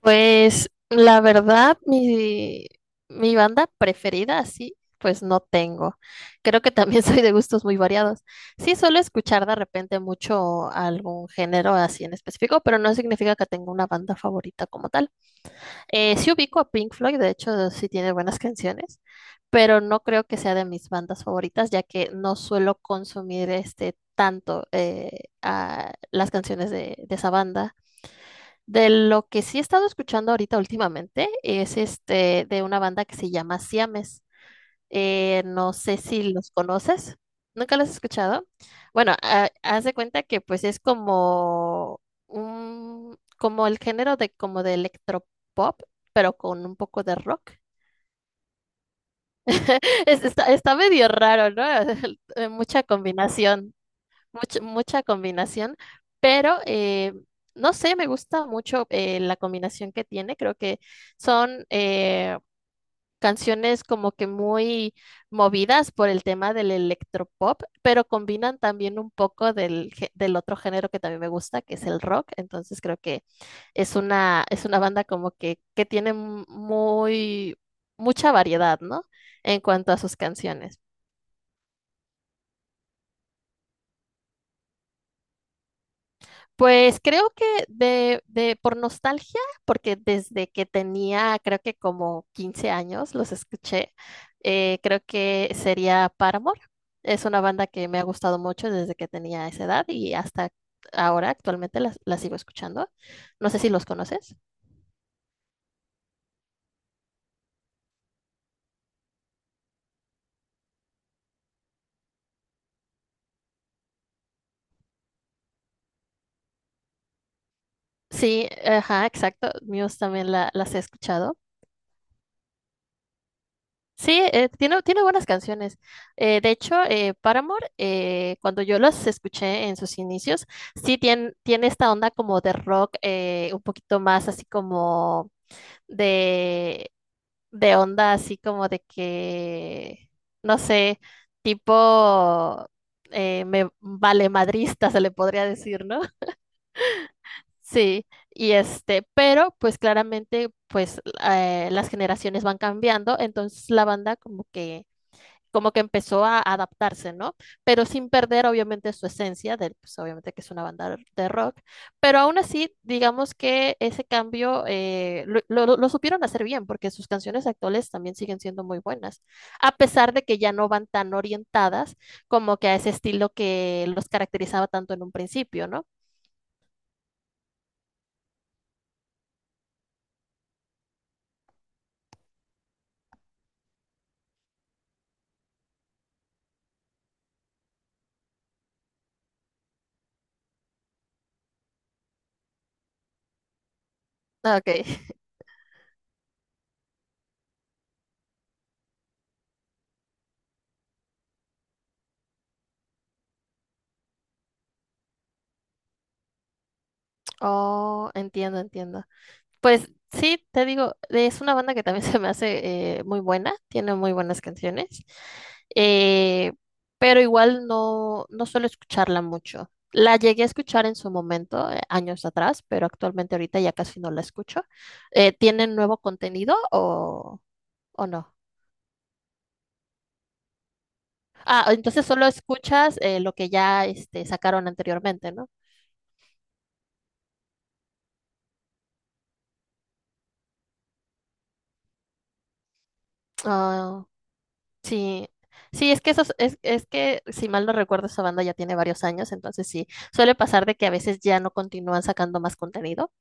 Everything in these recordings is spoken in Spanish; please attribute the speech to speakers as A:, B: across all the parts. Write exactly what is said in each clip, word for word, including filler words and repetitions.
A: Pues la verdad, mi, mi banda preferida, así, pues no tengo. Creo que también soy de gustos muy variados. Sí, suelo escuchar de repente mucho algún género así en específico, pero no significa que tenga una banda favorita como tal. Eh, sí ubico a Pink Floyd, de hecho, sí tiene buenas canciones, pero no creo que sea de mis bandas favoritas, ya que no suelo consumir este tanto eh, a las canciones de, de esa banda. De lo que sí he estado escuchando ahorita últimamente es este de una banda que se llama Siames. Eh, no sé si los conoces. ¿Nunca los has escuchado? Bueno, ha- haz de cuenta que pues es como un, como el género de como de electropop, pero con un poco de rock. Es- está, está medio raro, ¿no? Mucha combinación mucha, mucha combinación, pero eh, no sé, me gusta mucho eh, la combinación que tiene. Creo que son eh, canciones como que muy movidas por el tema del electropop, pero combinan también un poco del, gé- del otro género que también me gusta, que es el rock. Entonces creo que es una, es una banda como que, que tiene muy, mucha variedad, ¿no? En cuanto a sus canciones. Pues creo que de, de por nostalgia, porque desde que tenía creo que como quince años los escuché, eh, creo que sería Paramore. Es una banda que me ha gustado mucho desde que tenía esa edad y hasta ahora actualmente la, la sigo escuchando. No sé si los conoces. Sí, ajá, exacto. Muse también la- las he escuchado. Sí, eh, tiene, tiene buenas canciones. Eh, de hecho, eh, Paramore, eh, cuando yo las escuché en sus inicios, sí tiene, tiene esta onda como de rock, eh, un poquito más así como de, de onda, así como de que, no sé, tipo eh, me vale madrista, se le podría decir, ¿no? Sí, y este, pero pues claramente, pues eh, las generaciones van cambiando, entonces la banda como que como que empezó a adaptarse, ¿no? Pero sin perder obviamente su esencia, de, pues, obviamente que es una banda de rock, pero aún así, digamos que ese cambio eh, lo, lo- lo supieron hacer bien, porque sus canciones actuales también siguen siendo muy buenas, a pesar de que ya no van tan orientadas como que a ese estilo que los caracterizaba tanto en un principio, ¿no? Ah, ok. Oh, entiendo, entiendo. Pues sí, te digo, es una banda que también se me hace eh, muy buena, tiene muy buenas canciones, eh, pero igual no, no suelo escucharla mucho. La llegué a escuchar en su momento, eh, años atrás, pero actualmente ahorita ya casi no la escucho. Eh, ¿tienen nuevo contenido o, o no? Ah, entonces solo escuchas eh, lo que ya este, sacaron anteriormente, ¿no? Ah. Sí, sí, es que esos, es, es que si mal no recuerdo, esa banda ya tiene varios años, entonces sí, suele pasar de que a veces ya no continúan sacando más contenido.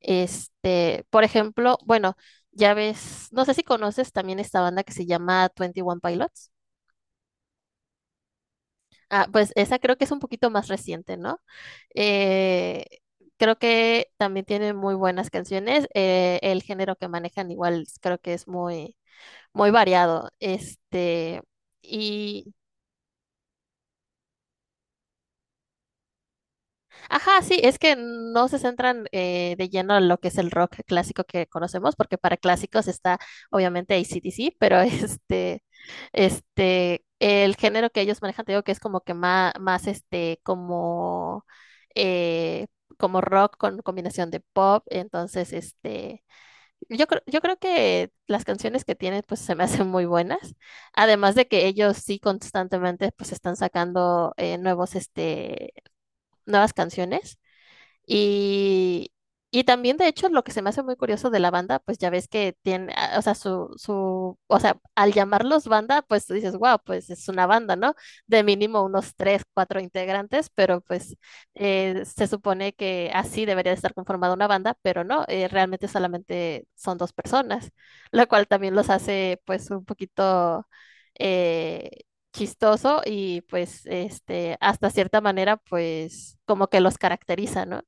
A: Este, por ejemplo, bueno, ya ves, no sé si conoces también esta banda que se llama Twenty One Pilots. Ah, pues esa creo que es un poquito más reciente, ¿no? Eh, Creo que también tiene muy buenas canciones. eh, el género que manejan igual creo que es muy, muy variado. Este. Ajá, sí, es que no se centran eh, de lleno en lo que es el rock clásico que conocemos, porque para clásicos está obviamente A C D C, pero este, este, el género que ellos manejan, te digo que es como que más, más este, como, eh, como rock con combinación de pop, entonces, este, yo creo, yo creo que las canciones que tienen, pues, se me hacen muy buenas, además de que ellos sí constantemente, pues, están sacando eh, nuevos, este, nuevas canciones. Y, y también, de hecho, lo que se me hace muy curioso de la banda, pues ya ves que tiene, ah, o sea, su, su, o sea, al llamarlos banda, pues tú dices, wow, pues es una banda, ¿no? De mínimo unos tres, cuatro integrantes, pero pues eh, se supone que así debería de estar conformada una banda, pero no, eh, realmente solamente son dos personas, lo cual también los hace pues un poquito... eh, chistoso y pues este hasta cierta manera pues como que los caracteriza, ¿no?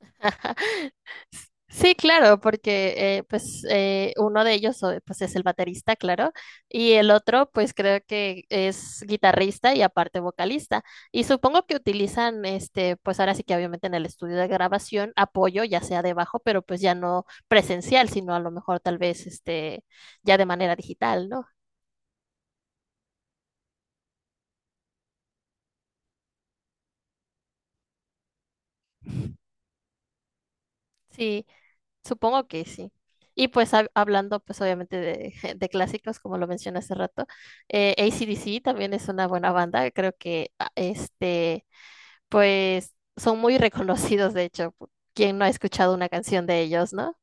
A: Sí, claro, porque eh, pues eh, uno de ellos o- pues es el baterista, claro, y el otro pues creo que es guitarrista y aparte vocalista. Y supongo que utilizan este, pues ahora sí que obviamente en el estudio de grabación apoyo, ya sea debajo, pero pues ya no presencial, sino a lo mejor tal vez este ya de manera digital, ¿no? Sí. Supongo que sí. Y pues hab- hablando pues obviamente de, de clásicos, como lo mencioné hace rato, eh, A C D C también es una buena banda. Creo que ah, este, pues son muy reconocidos, de hecho. ¿Quién no ha escuchado una canción de ellos, no?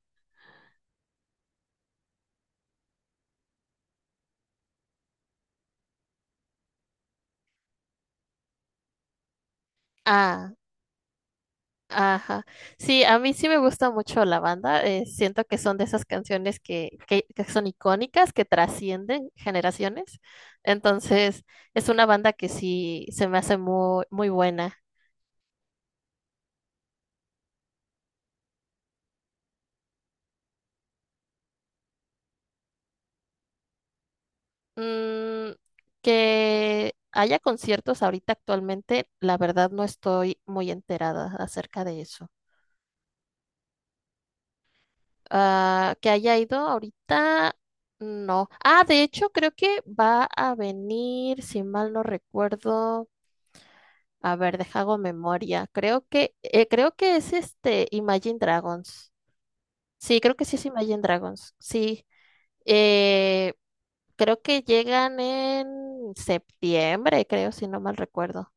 A: Ah, ajá. Sí, a mí sí me gusta mucho la banda. Eh, siento que son de esas canciones que, que, que son icónicas, que trascienden generaciones. Entonces, es una banda que sí se me hace muy, muy buena. Mm, que haya conciertos ahorita actualmente, la verdad no estoy muy enterada acerca de eso. Ah, que haya ido ahorita, no. Ah, de hecho, creo que va a venir, si mal no recuerdo. A ver, deja hago memoria. Creo que, eh, creo que es este Imagine Dragons. Sí, creo que sí es Imagine Dragons. Sí. Eh, Creo que llegan en septiembre, creo, si no mal recuerdo.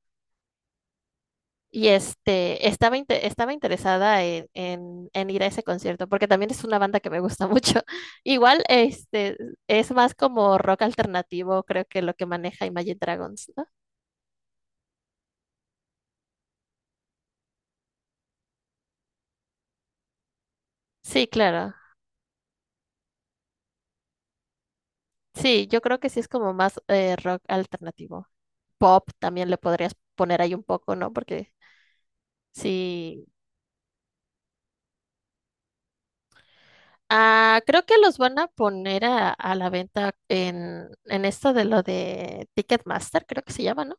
A: Y este, estaba, inte- estaba interesada en, en- en ir a ese concierto, porque también es una banda que me gusta mucho. Igual, este, es más como rock alternativo, creo que lo que maneja Imagine Dragons, ¿no? Sí, claro. Sí, yo creo que sí es como más eh, rock alternativo. Pop también le podrías poner ahí un poco, ¿no? Porque sí. Ah, creo que los van a poner a, a la venta en, en esto de lo de Ticketmaster, creo que se llama, ¿no?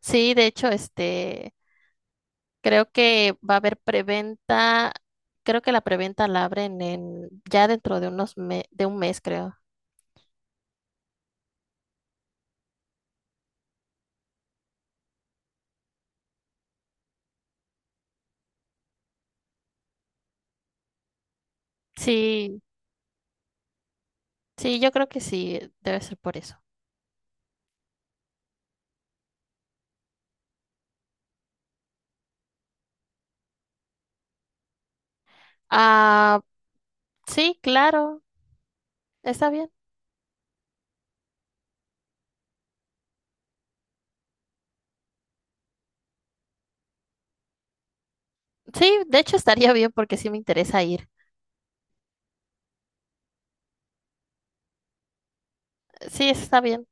A: Sí, de hecho, este creo que va a haber preventa, creo que la preventa la abren en ya dentro de unos me- de un mes, creo. Sí, sí, yo creo que sí, debe ser por eso. Ah, sí, claro, está bien. Sí, de hecho estaría bien porque sí me interesa ir. Sí, está bien.